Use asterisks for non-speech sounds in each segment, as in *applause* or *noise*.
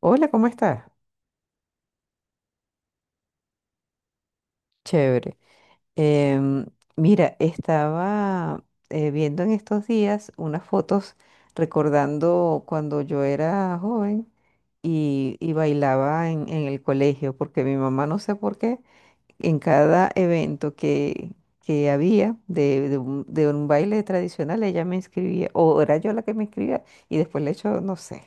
Hola, ¿cómo estás? Chévere. Em, Mira, estaba viendo en estos días unas fotos recordando cuando yo era joven y bailaba en el colegio, porque mi mamá, no sé por qué, en cada evento que había de de un baile tradicional, ella me inscribía, o era yo la que me inscribía, y después le hecho, no sé.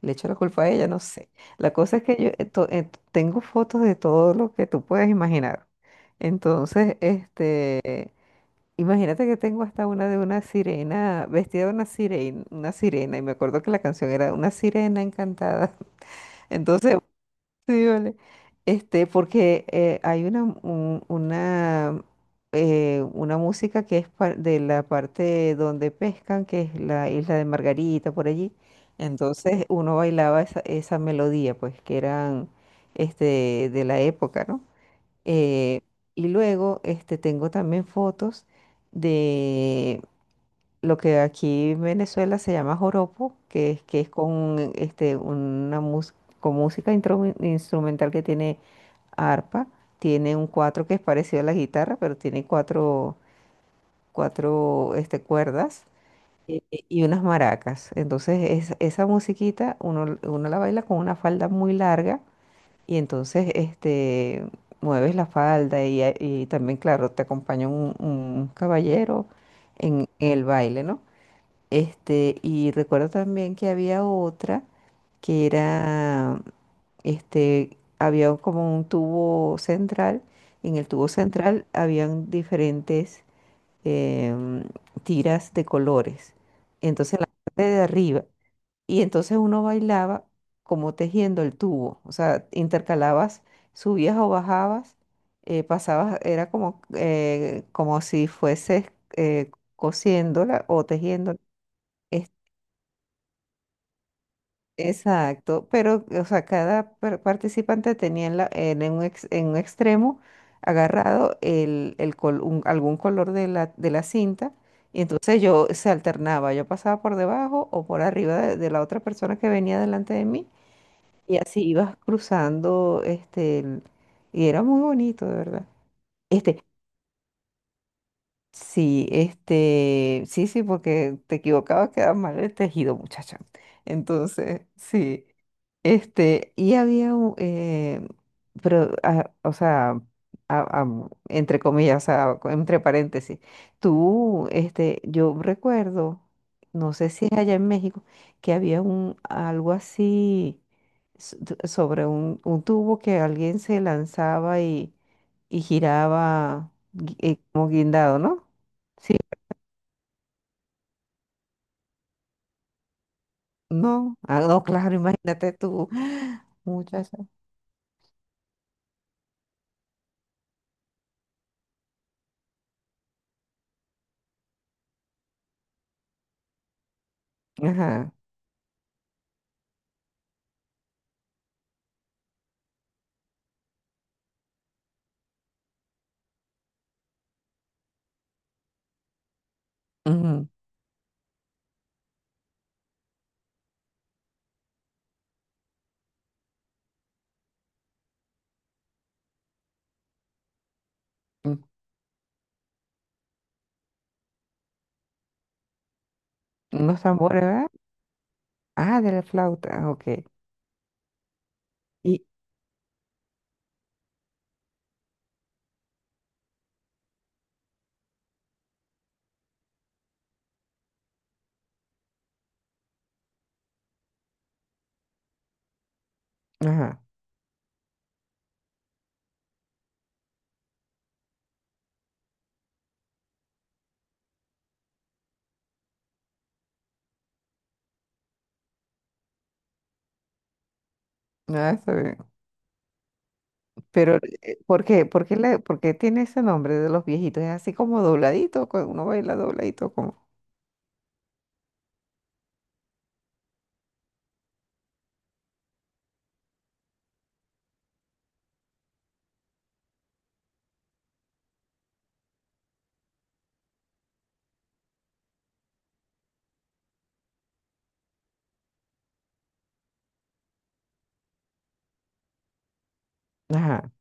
Le echo la culpa a ella, no sé. La cosa es que yo tengo fotos de todo lo que tú puedes imaginar. Entonces, imagínate que tengo hasta una de una sirena, vestida de una sirena, y me acuerdo que la canción era Una sirena encantada. *laughs* Entonces, sí, vale. Porque hay una, una música que es de la parte donde pescan, que es la isla de Margarita, por allí. Entonces uno bailaba esa, esa melodía, pues, que eran de la época, ¿no? Eh, y luego tengo también fotos lo que aquí en Venezuela se llama joropo, que es con, una con música instrumental que tiene arpa, tiene un cuatro que es parecido a la guitarra, pero tiene cuatro, cuatro cuerdas, eh, y unas maracas. Entonces esa musiquita uno la baila con una falda muy larga y entonces mueves la falda y también, claro, te acompaña un caballero en el baile, ¿no? Y recuerdo también que había otra que era, había como un tubo central. En el tubo central habían diferentes, em, tiras de colores. Entonces, en la parte de arriba. Y entonces uno bailaba como tejiendo el tubo. O sea, intercalabas, subías o bajabas, pasabas, era como, como si fueses eh, cosiéndola o tejiendo. Exacto, pero, o sea, cada participante tenía en en un extremo agarrado el, algún color de la cinta, y entonces yo se alternaba, yo pasaba por debajo o por arriba de la otra persona que venía delante de mí, y así ibas cruzando, y era muy bonito, de verdad. Este, sí, sí, sí, porque te equivocabas, quedaba mal el tejido, muchacha. Entonces, sí. Y había, pero, o sea, ah, ah, entre comillas, entre paréntesis, tú, yo recuerdo, no sé si es allá en México, que había un, algo así sobre un tubo que alguien se lanzaba y giraba como guindado, ¿no? Sí, no, no, claro, imagínate tú, muchacha. Ajá. Ujú, ujú, unos tambores. Ah, de la flauta, ok. Y, ajá, ah, está bien. Pero, ¿por qué? ¿Por qué, por qué tiene ese nombre de los viejitos? Es así como dobladito, cuando uno baila dobladito, como. Ajá,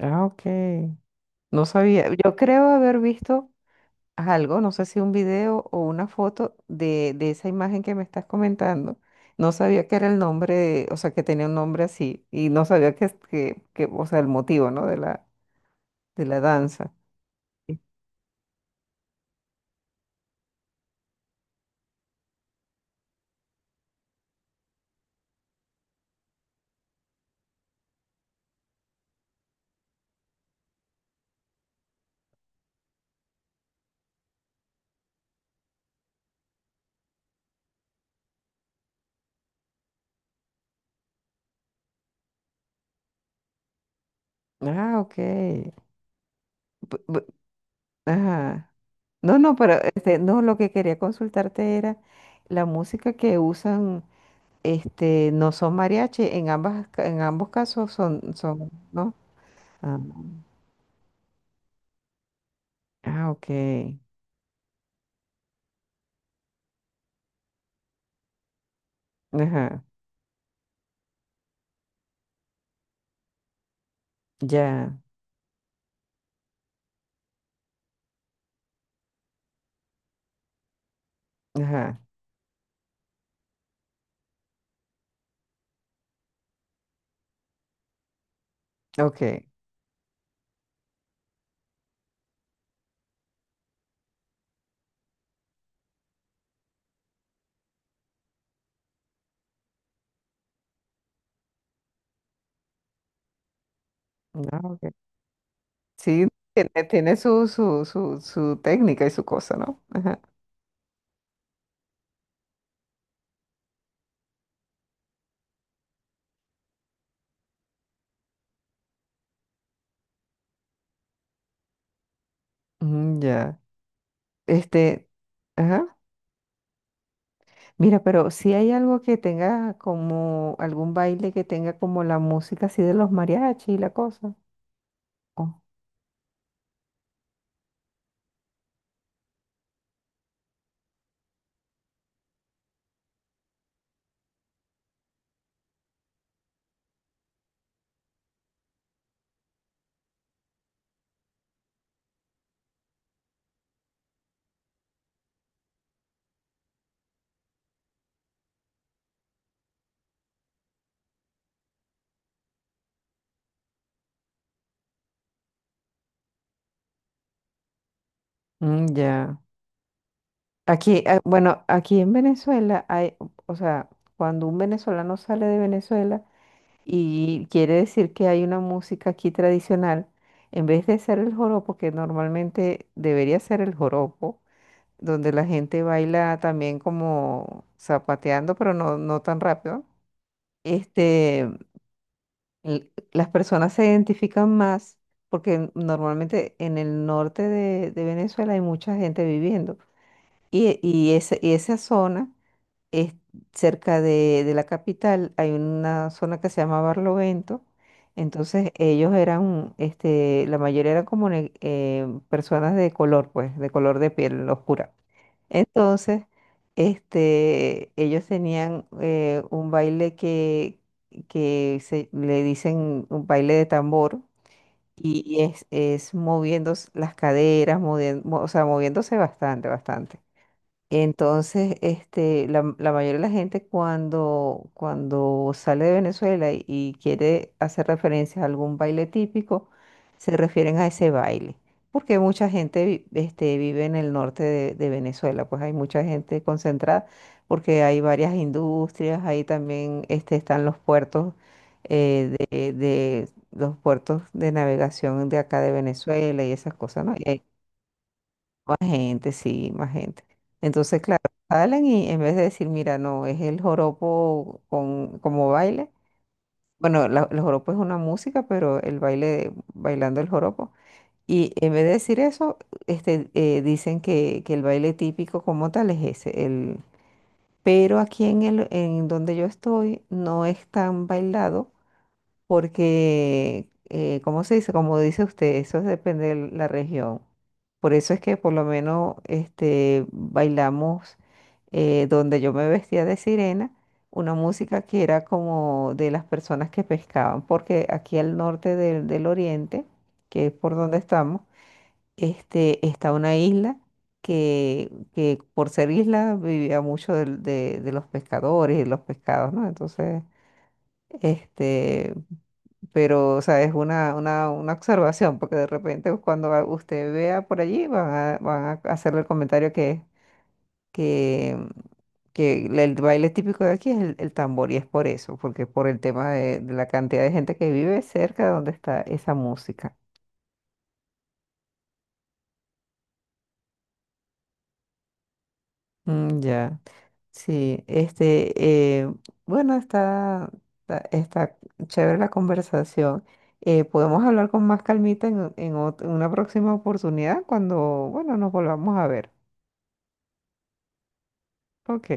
ah, ok. No sabía. Yo creo haber visto algo, no sé si un video o una foto de esa imagen que me estás comentando. No sabía que era el nombre, o sea, que tenía un nombre así. Y no sabía que, o sea, el motivo, ¿no? De la danza. Ah, ok. Bu- bu- Ajá. No, no, pero no, lo que quería consultarte era la música que usan, no son mariachi, en ambas, en ambos casos son, son, ¿no? Ah, ah, ok. Ajá, ya, ajá, ok. Ah, ok. Sí, tiene, su técnica y su cosa, ¿no? Ajá. Mm, ya. Este, ajá. Mira, pero si hay algo que tenga como algún baile que tenga como la música así de los mariachi y la cosa. Mm, ya. Aquí, bueno, aquí en Venezuela hay, o sea, cuando un venezolano sale de Venezuela y quiere decir que hay una música aquí tradicional, en vez de ser el joropo, que normalmente debería ser el joropo, donde la gente baila también como zapateando, pero no, no tan rápido, este, las personas se identifican más porque normalmente en el norte de Venezuela hay mucha gente viviendo. Y, y esa zona es cerca de la capital, hay una zona que se llama Barlovento. Entonces ellos eran, la mayoría eran como personas de color, pues, de color de piel oscura. Entonces, ellos tenían, un baile que se, le dicen un baile de tambor y es moviendo las caderas, o sea, moviéndose bastante, bastante. Entonces, la, la mayoría de la gente cuando sale de Venezuela y quiere hacer referencia a algún baile típico, se refieren a ese baile, porque mucha gente vive en el norte de Venezuela, pues hay mucha gente concentrada, porque hay varias industrias, ahí también están los puertos, de los puertos de navegación de acá de Venezuela y esas cosas, ¿no? Más gente, sí, más gente. Entonces, claro, salen y en vez de decir, mira, no, es el joropo con, como baile. Bueno, el joropo es una música, pero el baile, bailando el joropo. Y en vez de decir eso, dicen que el baile típico como tal es ese. El, pero aquí en el, en donde yo estoy, no es tan bailado porque, ¿cómo se dice? Como dice usted, eso depende de la región. Por eso es que por lo menos bailamos, donde yo me vestía de sirena, una música que era como de las personas que pescaban, porque aquí al norte del, del oriente, que es por donde estamos, está una isla que por ser isla vivía mucho de los pescadores y de los pescados, ¿no? Entonces... Este, pero, o sea, es una observación, porque de repente cuando usted vea por allí, van a, van a hacerle el comentario que, mm, que el baile típico de aquí es el tambor, y es por eso, porque por el tema de la cantidad de gente que vive cerca de donde está esa música. Mm, ya. Sí, bueno, está chévere la conversación. Podemos hablar con más calmita en una próxima oportunidad cuando, bueno, nos volvamos a ver. Ok,